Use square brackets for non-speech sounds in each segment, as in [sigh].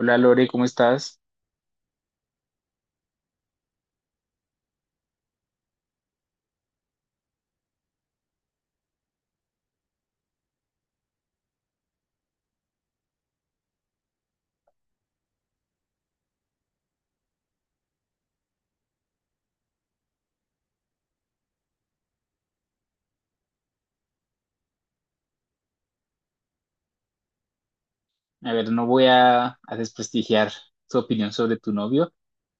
Hola Lore, ¿cómo estás? A ver, no voy a desprestigiar tu opinión sobre tu novio,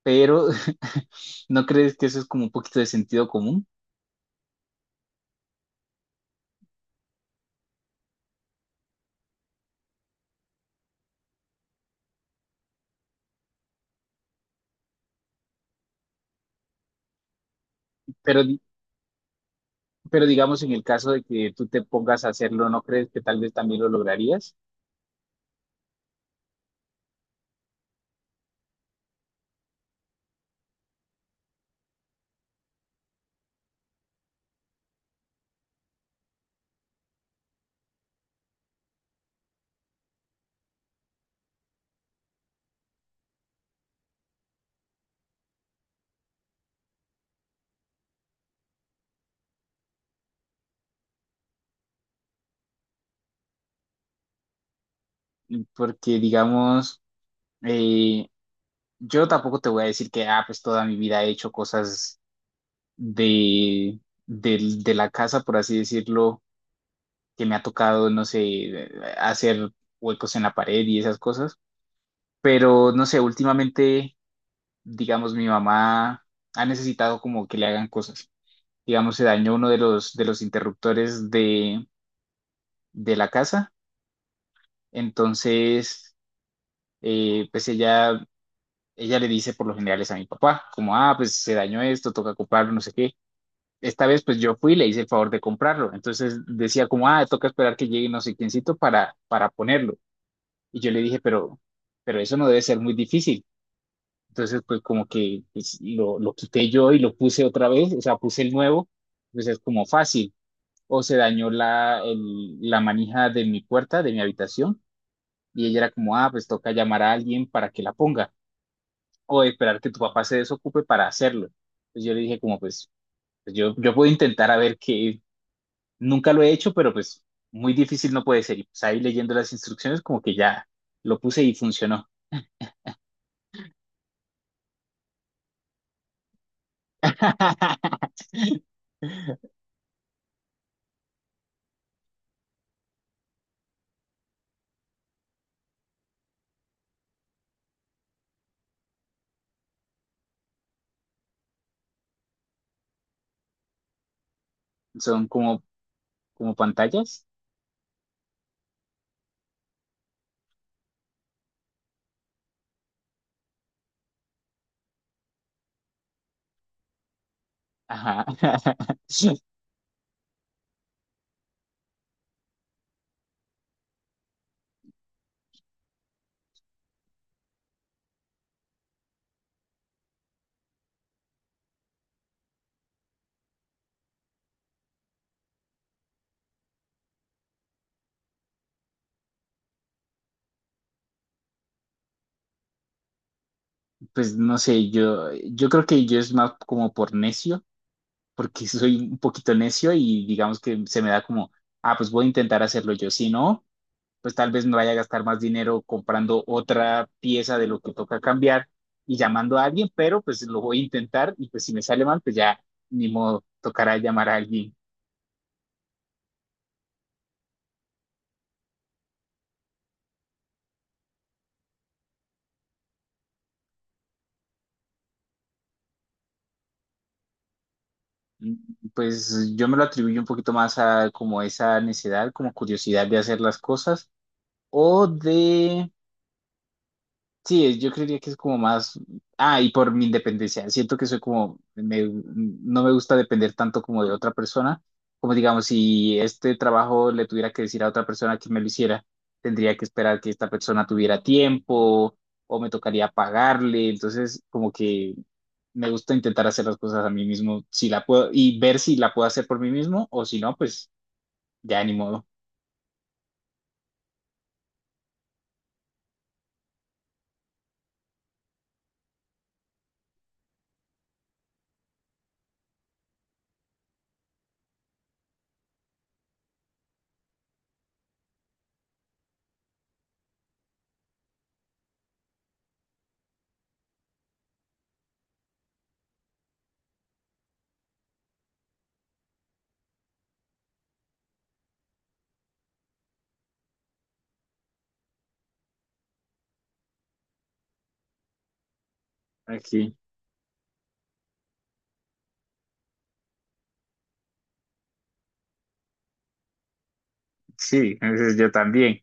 pero [laughs] ¿no crees que eso es como un poquito de sentido común? Pero, di- pero digamos en el caso de que tú te pongas a hacerlo, ¿no crees que tal vez también lo lograrías? Porque digamos, eh, yo tampoco te voy a decir que, ah, pues toda mi vida he hecho cosas de, de la casa, por así decirlo, que me ha tocado, no sé, hacer huecos en la pared y esas cosas. Pero no sé, últimamente, digamos, mi mamá ha necesitado como que le hagan cosas. Digamos, se dañó uno de los interruptores de la casa. Entonces, pues ella le dice por lo general es a mi papá, como, ah, pues se dañó esto, toca comprarlo, no sé qué. Esta vez, pues yo fui y le hice el favor de comprarlo. Entonces decía como, ah, toca esperar que llegue no sé quiéncito para ponerlo. Y yo le dije, pero eso no debe ser muy difícil. Entonces, pues como que pues, lo quité yo y lo puse otra vez, o sea, puse el nuevo, pues es como fácil. O se dañó la manija de mi puerta, de mi habitación, y ella era como, ah, pues toca llamar a alguien para que la ponga, o esperar que tu papá se desocupe para hacerlo. Pues yo le dije como, pues, pues, yo puedo intentar a ver que nunca lo he hecho, pero pues muy difícil no puede ser. Y pues ahí leyendo las instrucciones como que ya lo puse y funcionó. [laughs] Son como, como pantallas. Ajá. [laughs] Pues no sé, yo creo que yo es más como por necio, porque [laughs] soy un poquito necio y digamos que se me da como, ah, pues voy a intentar hacerlo yo. Si no, pues tal vez me vaya a gastar más dinero comprando otra pieza de lo que toca cambiar y llamando a alguien, pero pues lo voy a intentar y pues si me sale mal, pues ya ni modo, tocará llamar a alguien. Mm, pues yo me lo atribuyo un poquito más a como esa necesidad, como curiosidad de hacer las cosas o de... Sí, yo creería que es como más, ah, y por mi independencia, siento que soy como, no me gusta depender tanto como de otra persona, como digamos, si este trabajo le tuviera que decir a otra persona que me lo hiciera, tendría que esperar que esta persona tuviera tiempo o me tocaría pagarle, entonces como que me gusta intentar hacer las cosas a mí mismo, si la puedo, y ver si la puedo hacer por mí mismo o si no, pues ya ni modo. Aquí, sí, entonces yo también.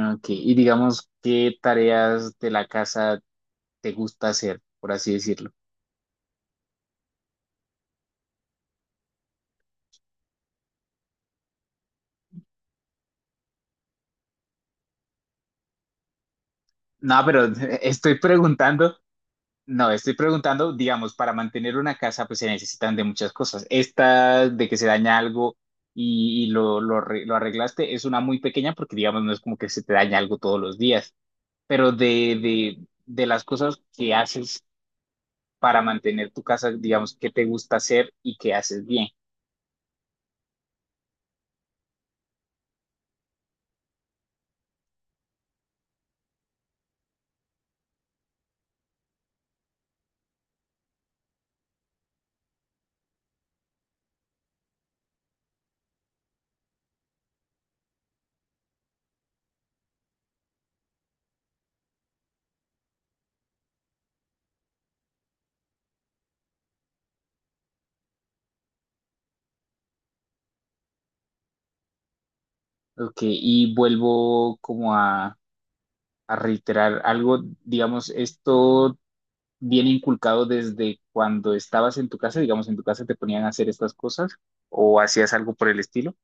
Ah, ok, y digamos, ¿qué tareas de la casa te gusta hacer, por así decirlo? No, pero [laughs] estoy preguntando, no, estoy preguntando, digamos, para mantener una casa pues se necesitan de muchas cosas. Esta de que se daña algo y lo arreglaste es una muy pequeña porque digamos no es como que se te daña algo todos los días, pero de las cosas que haces para mantener tu casa, digamos, ¿qué te gusta hacer y qué haces bien? Ok, y vuelvo como a reiterar algo, digamos, esto viene inculcado desde cuando estabas en tu casa, digamos, en tu casa te ponían a hacer estas cosas o hacías algo por el estilo.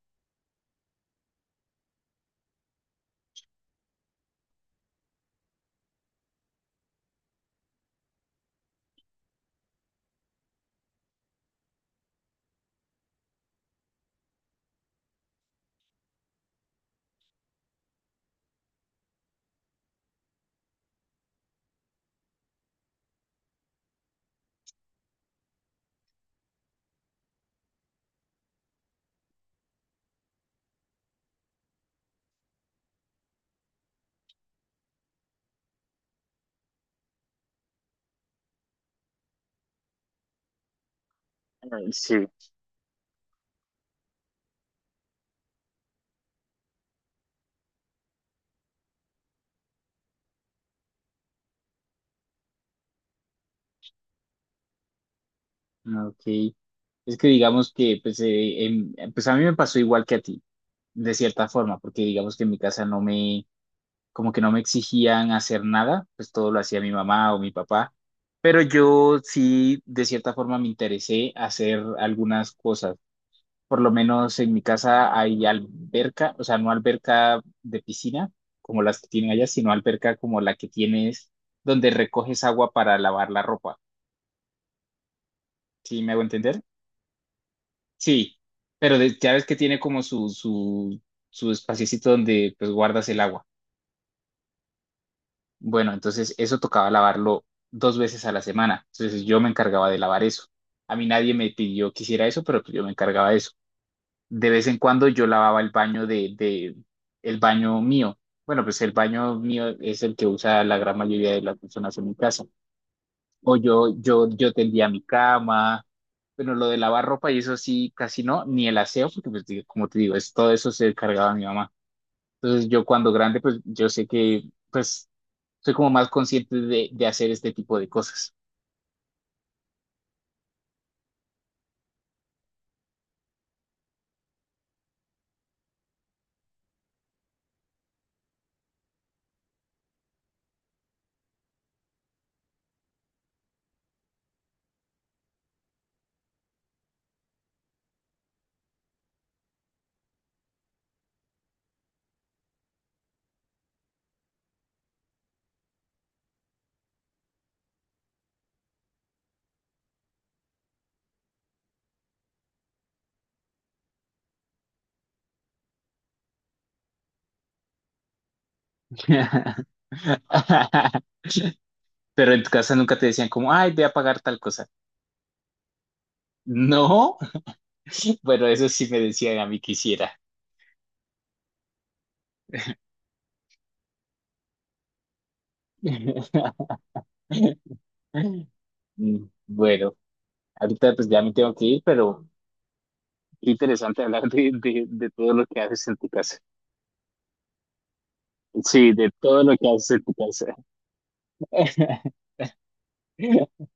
Mm, sí. Ok. Es que digamos que, pues, pues a mí me pasó igual que a ti, de cierta forma, porque digamos que en mi casa como que no me exigían hacer nada, pues todo lo hacía mi mamá o mi papá, pero yo sí, de cierta forma, me interesé hacer algunas cosas. Por lo menos en mi casa hay alberca, o sea, no alberca de piscina como las que tienen allá, sino alberca como la que tienes donde recoges agua para lavar la ropa. ¿Sí me hago entender? Sí, pero ya ves que tiene como su espaciocito donde pues guardas el agua. Bueno, entonces eso tocaba lavarlo dos veces a la semana. Entonces yo me encargaba de lavar eso. A mí nadie me pidió que hiciera eso, pero pues, yo me encargaba de eso. De vez en cuando yo lavaba el baño de el baño mío. Bueno, pues el baño mío es el que usa la gran mayoría de las personas en mi casa. O yo tendía mi cama. Bueno, lo de lavar ropa y eso sí, casi no, ni el aseo, porque pues, digo, como te digo, es, todo eso se encargaba mi mamá. Entonces yo cuando grande, pues yo sé que, pues, soy como más consciente de hacer este tipo de cosas. [laughs] Pero en tu casa nunca te decían como, ay, ve a pagar tal cosa. No. [laughs] Bueno, eso sí me decían a mí que hiciera. [laughs] Mm, bueno, ahorita pues ya me tengo que ir, pero qué interesante hablar de todo lo que haces en tu casa. Sí, de todo lo que haces en tu casa. [laughs]